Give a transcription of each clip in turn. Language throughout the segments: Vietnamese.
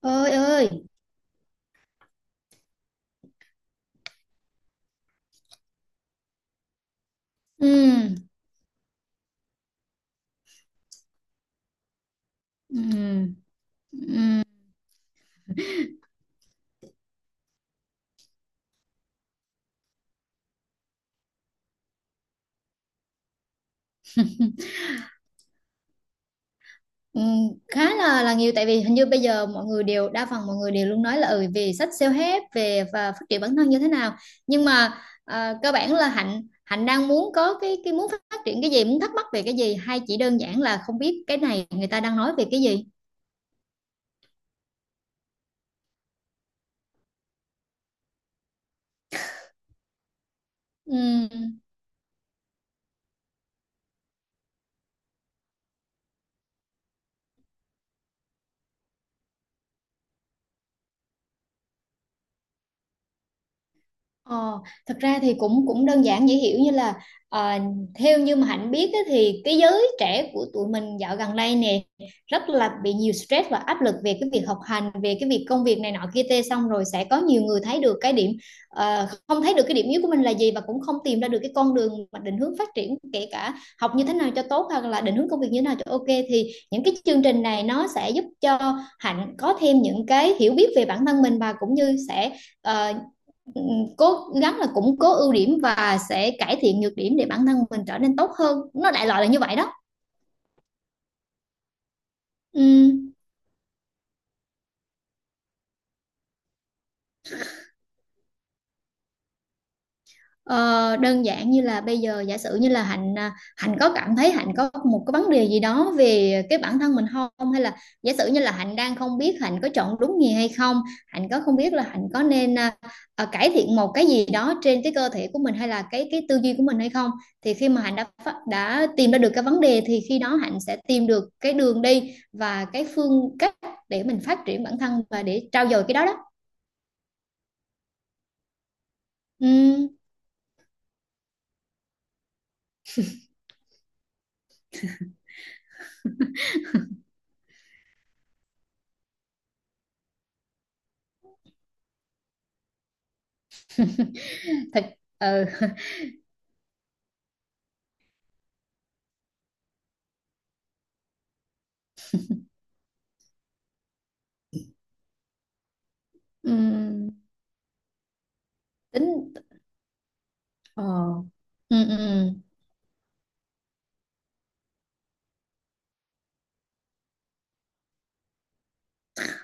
Ơi ơi. Ừ, ừ, ừ, ừ, khá là nhiều tại vì hình như bây giờ mọi người đều đa phần mọi người đều luôn nói là về sách self-help về và phát triển bản thân như thế nào nhưng mà cơ bản là Hạnh Hạnh đang muốn có cái muốn phát triển cái gì, muốn thắc mắc về cái gì, hay chỉ đơn giản là không biết cái này người ta đang nói về cái gì. ừ, Ờ, thật ra thì cũng cũng đơn giản dễ hiểu, như là ờ, theo như mà Hạnh biết á, thì cái giới trẻ của tụi mình dạo gần đây nè rất là bị nhiều stress và áp lực về cái việc học hành, về cái việc công việc này nọ kia tê, xong rồi sẽ có nhiều người thấy được cái điểm không thấy được cái điểm yếu của mình là gì, và cũng không tìm ra được cái con đường mà định hướng phát triển, kể cả học như thế nào cho tốt hoặc là định hướng công việc như thế nào cho ok. Thì những cái chương trình này nó sẽ giúp cho Hạnh có thêm những cái hiểu biết về bản thân mình và cũng như sẽ ờ, ừ, cố gắng là củng cố ưu điểm và sẽ cải thiện nhược điểm để bản thân mình trở nên tốt hơn. Nó đại loại là như vậy đó. ừ. Ờ, đơn giản như là bây giờ giả sử như là Hạnh Hạnh có cảm thấy Hạnh có một cái vấn đề gì đó về cái bản thân mình không, hay là giả sử như là Hạnh đang không biết Hạnh có chọn đúng nghề hay không, Hạnh có không biết là Hạnh có nên cải thiện một cái gì đó trên cái cơ thể của mình hay là cái tư duy của mình hay không. Thì khi mà Hạnh đã tìm ra được cái vấn đề thì khi đó Hạnh sẽ tìm được cái đường đi và cái phương cách để mình phát triển bản thân và để trau dồi cái đó đó. Ừm, thật. ừ. Ừm, tính. Ờ. Ừ, ừ.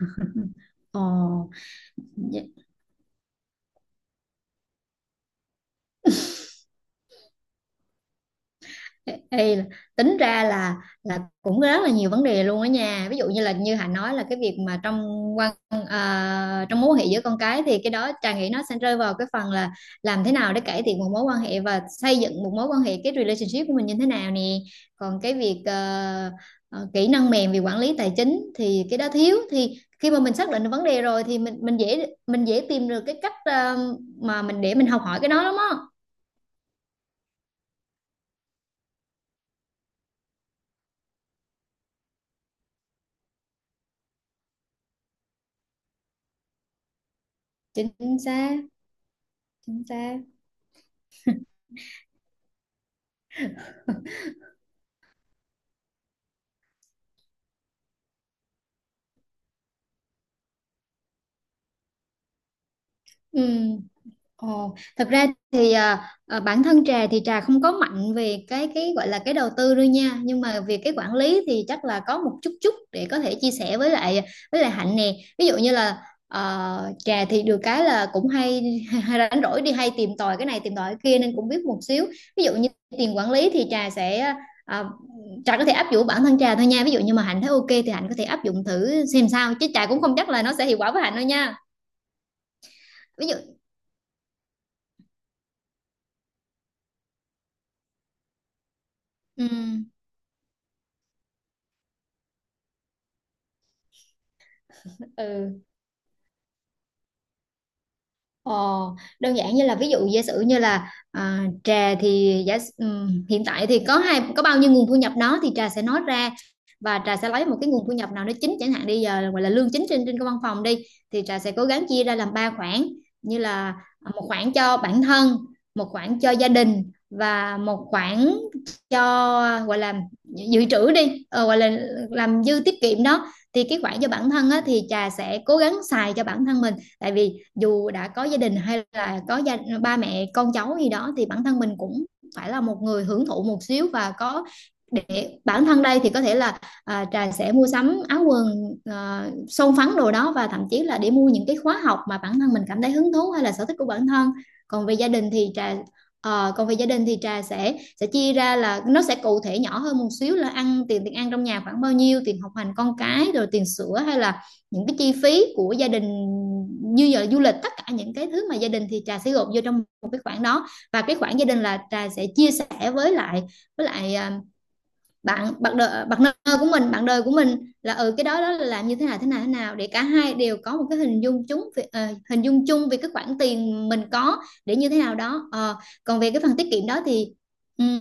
Ừ. Ờ. Ê, ê, là- tính ra là cũng rất là nhiều vấn đề luôn đó nha. Ví dụ như là như Hạnh nói là cái việc mà trong quan trong mối quan hệ giữa con cái, thì cái đó Trà nghĩ nó sẽ rơi vào cái phần là làm thế nào để cải thiện một mối quan hệ và xây dựng một mối quan hệ, cái relationship của mình như thế nào nè. Còn cái việc kỹ năng mềm về quản lý tài chính thì cái đó thiếu, thì khi mà mình xác định được vấn đề rồi thì mình dễ mình dễ tìm được cái cách mà mình để mình học hỏi cái đó lắm á. Chính xác. Chính xác. Ừ. Ồ, thật ra thì bản thân Trà thì Trà không có mạnh về cái gọi là cái đầu tư đâu nha, nhưng mà về cái quản lý thì chắc là có một chút chút để có thể chia sẻ với lại Hạnh nè. Ví dụ như là Trà thì được cái là cũng hay, hay rảnh rỗi đi hay tìm tòi cái này tìm tòi cái kia nên cũng biết một xíu. Ví dụ như tiền quản lý thì Trà sẽ à, Trà có thể áp dụng bản thân Trà thôi nha, ví dụ như mà Hạnh thấy ok thì Hạnh có thể áp dụng thử xem sao, chứ Trà cũng không chắc là nó sẽ hiệu quả với Hạnh đâu nha. Ví dụ. Ừ, ừ. Ờ, đơn giản như là ví dụ giả sử như là Trà thì hiện tại thì có bao nhiêu nguồn thu nhập đó thì Trà sẽ nói ra, và Trà sẽ lấy một cái nguồn thu nhập nào đó chính chẳng hạn đi, giờ là gọi là lương chính trên trên cái văn phòng đi, thì Trà sẽ cố gắng chia ra làm ba khoản, như là một khoản cho bản thân, một khoản cho gia đình, và một khoản cho gọi là dự trữ đi, gọi là làm dư tiết kiệm đó. Thì cái khoản cho bản thân á, thì Trà sẽ cố gắng xài cho bản thân mình, tại vì dù đã có gia đình hay là có ba mẹ con cháu gì đó thì bản thân mình cũng phải là một người hưởng thụ một xíu, và có để bản thân đây thì có thể là Trà sẽ mua sắm áo quần, son phấn đồ đó, và thậm chí là để mua những cái khóa học mà bản thân mình cảm thấy hứng thú hay là sở thích của bản thân. Còn về gia đình thì trà Còn về gia đình thì Trà sẽ chia ra, là nó sẽ cụ thể nhỏ hơn một xíu là tiền tiền ăn trong nhà khoảng bao nhiêu, tiền học hành con cái, rồi tiền sữa, hay là những cái chi phí của gia đình như giờ du lịch, tất cả những cái thứ mà gia đình thì Trà sẽ gộp vô trong một cái khoản đó. Và cái khoản gia đình là Trà sẽ chia sẻ với lại với lại à, bạn bạn đời, bạn nơ của mình, bạn đời của mình là ở cái đó đó là làm như thế nào, thế nào để cả hai đều có một cái hình dung chung về, hình dung chung về cái khoản tiền mình có để như thế nào đó. Ờ, còn về cái phần tiết kiệm đó thì ừm,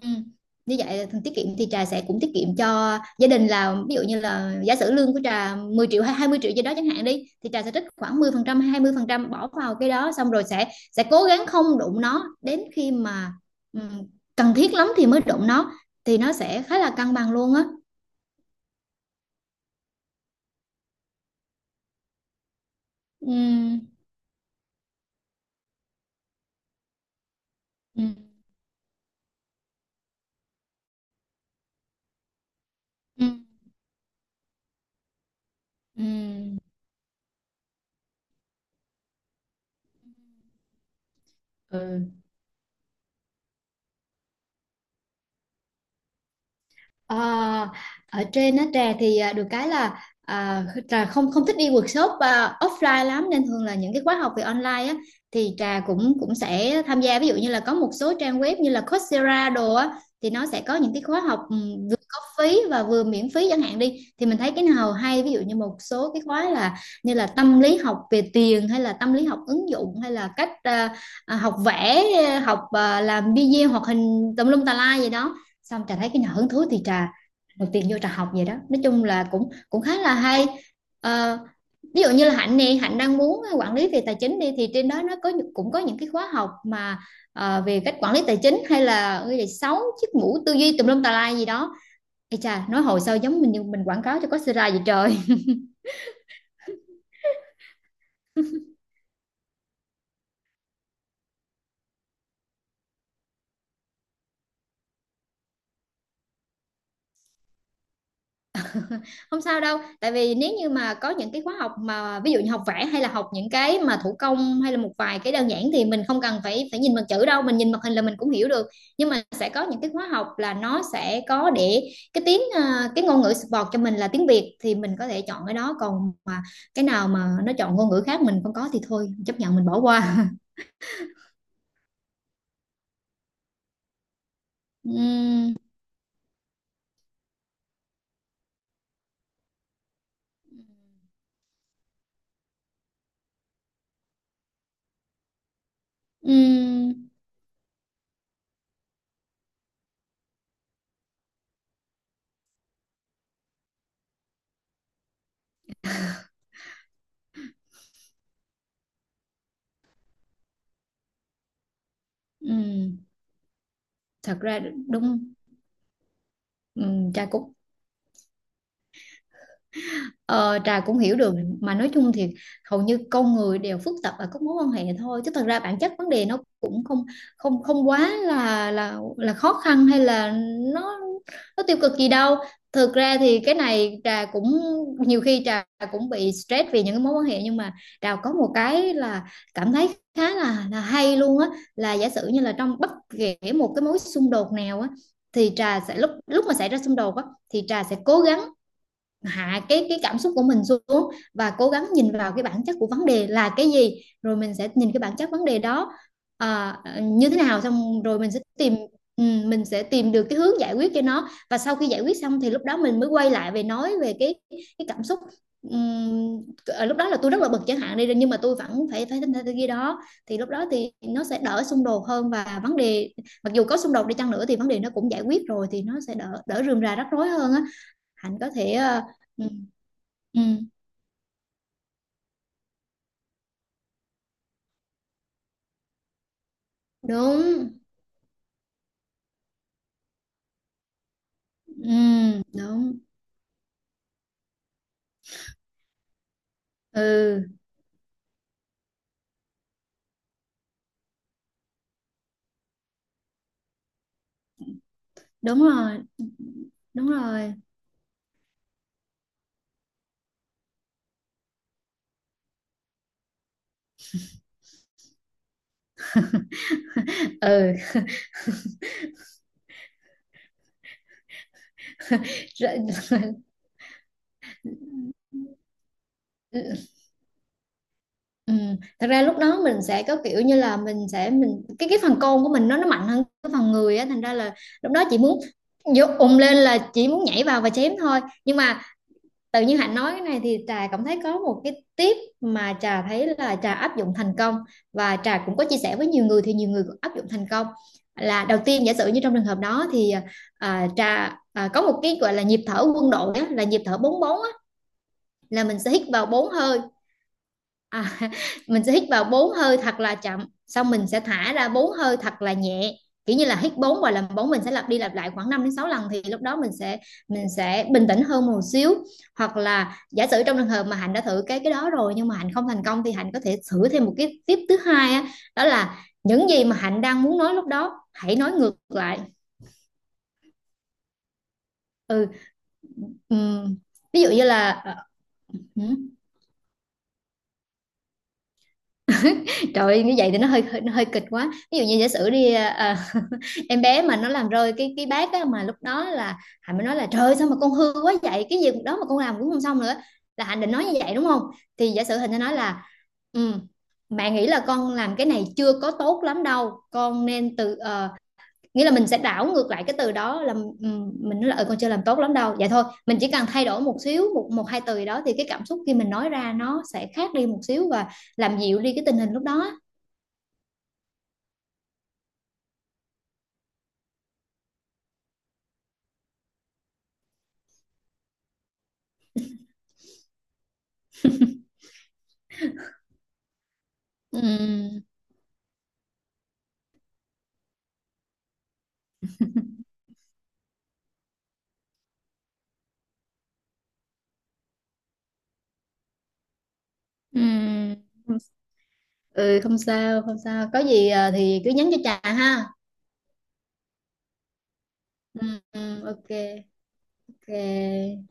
như vậy phần tiết kiệm thì Trà sẽ cũng tiết kiệm cho gia đình, là ví dụ như là giả sử lương của Trà 10 triệu hay 20 triệu gì đó chẳng hạn đi, thì Trà sẽ trích khoảng 10% hay 20% bỏ vào cái đó, xong rồi sẽ cố gắng không đụng nó đến khi mà ừm, cần thiết lắm thì mới đụng nó, thì nó sẽ khá là cân bằng luôn á. Ừ. Ừ. Ừ. Ừ. Ừ. Ờ, ở trên á Trà thì được cái là Trà không không thích đi workshop offline lắm, nên thường là những cái khóa học về online á thì Trà cũng cũng sẽ tham gia, ví dụ như là có một số trang web như là Coursera đồ á, thì nó sẽ có những cái khóa học vừa có phí và vừa miễn phí chẳng hạn đi, thì mình thấy cái nào hay, ví dụ như một số cái khóa là như là tâm lý học về tiền, hay là tâm lý học ứng dụng, hay là cách học vẽ, học làm video hoạt hình tùm lum tà lai gì đó. Xong Trà thấy cái nào hứng thú thì một tiền vô Trà học vậy đó, nói chung là cũng cũng khá là hay. Ờ, ví dụ như là Hạnh nè, Hạnh đang muốn quản lý về tài chính đi thì trên đó nó có cũng có những cái khóa học mà về cách quản lý tài chính, hay là cái gì sáu chiếc mũ tư duy tùm lum tà lai gì đó. Ê chà, nói hồi sao giống mình như mình quảng cáo cho Coursera vậy trời. Không sao đâu, tại vì nếu như mà có những cái khóa học mà ví dụ như học vẽ, hay là học những cái mà thủ công, hay là một vài cái đơn giản thì mình không cần phải phải nhìn bằng chữ đâu, mình nhìn màn hình là mình cũng hiểu được. Nhưng mà sẽ có những cái khóa học là nó sẽ có để cái tiếng cái ngôn ngữ support cho mình là tiếng Việt thì mình có thể chọn cái đó, còn mà cái nào mà nó chọn ngôn ngữ khác mình không có thì thôi chấp nhận mình bỏ qua. Ừm. Ừm. Ừm. Thật ra. Đúng. Cũng. Ờ, Trà cũng hiểu được, mà nói chung thì hầu như con người đều phức tạp ở các mối quan hệ thôi, chứ thật ra bản chất vấn đề nó cũng không, không quá là là khó khăn hay là nó nó tiêu cực gì đâu. Thực ra thì cái này Trà cũng nhiều khi Trà cũng bị stress vì những cái mối quan hệ, nhưng mà Trà có một cái là cảm thấy khá là hay luôn á, là giả sử như là trong bất kể một cái mối xung đột nào á thì Trà sẽ lúc lúc mà xảy ra xung đột á thì Trà sẽ cố gắng hạ Cái cảm xúc của mình xuống, và cố gắng nhìn vào cái bản chất của vấn đề là cái gì, rồi mình sẽ nhìn cái bản chất vấn đề đó à, như thế nào, xong rồi mình sẽ tìm, ừ, mình sẽ tìm được cái hướng giải quyết cho nó. Và sau khi giải quyết xong thì lúc đó mình mới quay lại về nói về cái cảm xúc. Ừm, lúc đó là tôi rất là bực chẳng hạn đi, nhưng mà tôi vẫn phải phải thế kia đó, thì lúc đó thì nó sẽ đỡ xung đột hơn. Và vấn đề, mặc dù có xung đột đi chăng nữa, thì vấn đề nó cũng giải quyết rồi, thì nó sẽ đỡ đỡ rườm rà rắc rối hơn á. Hạnh có thể ừ, ừ, đúng, ừ, đúng, ừ, đúng rồi, đúng rồi, ừ, Rồi- ừ. Thật ra lúc đó mình sẽ có kiểu như là mình cái phần côn của mình nó mạnh hơn cái phần người á, thành ra là lúc đó chị muốn vô ùm lên, là chỉ muốn nhảy vào và chém thôi. Nhưng mà tự nhiên Hạnh nói cái này thì Trà cảm thấy có một cái tip mà Trà thấy là Trà áp dụng thành công, và Trà cũng có chia sẻ với nhiều người thì nhiều người cũng áp dụng thành công. Là đầu tiên, giả sử như trong trường hợp đó thì, à, Trà à, có một cái gọi là nhịp thở quân đội á, là nhịp thở 4-4 á, là mình sẽ hít vào 4 hơi. À, mình sẽ hít vào bốn hơi thật là chậm, xong mình sẽ thả ra 4 hơi thật là nhẹ, kiểu như là hít bốn và làm bốn. Mình sẽ lặp đi lặp lại khoảng 5 đến 6 lần, thì lúc đó mình sẽ bình tĩnh hơn một xíu. Hoặc là giả sử trong trường hợp mà Hạnh đã thử cái đó rồi nhưng mà Hạnh không thành công, thì Hạnh có thể thử thêm một cái tiếp thứ hai á. Đó là những gì mà Hạnh đang muốn nói, lúc đó hãy nói ngược lại. Ừ, ừm, ví dụ như là, ừ, trời ơi, như vậy thì nó hơi hơi- nó hơi kịch quá. Ví dụ như giả sử đi, em bé mà nó làm rơi cái bát á, mà lúc đó là Hạnh mới nói là: trời ơi, sao mà con hư quá vậy, cái việc đó mà con làm cũng không xong nữa. Là Hạnh định nói như vậy đúng không? Thì giả sử Hạnh sẽ nói là, ừ, mẹ nghĩ là con làm cái này chưa có tốt lắm đâu, con nên từ, nghĩa là mình sẽ đảo ngược lại cái từ đó, là, ừ, mình nói là, ừ, con chưa làm tốt lắm đâu. Vậy thôi, mình chỉ cần thay đổi một xíu, một một hai từ gì đó, thì cái cảm xúc khi mình nói ra nó sẽ khác đi một xíu và làm dịu đi cái tình hình lúc đó. Ừ, ừ, không- ừ, không sao, không sao, có gì à, thì cứ nhắn cho Trà ha. Ừ, ừ, ok, ok.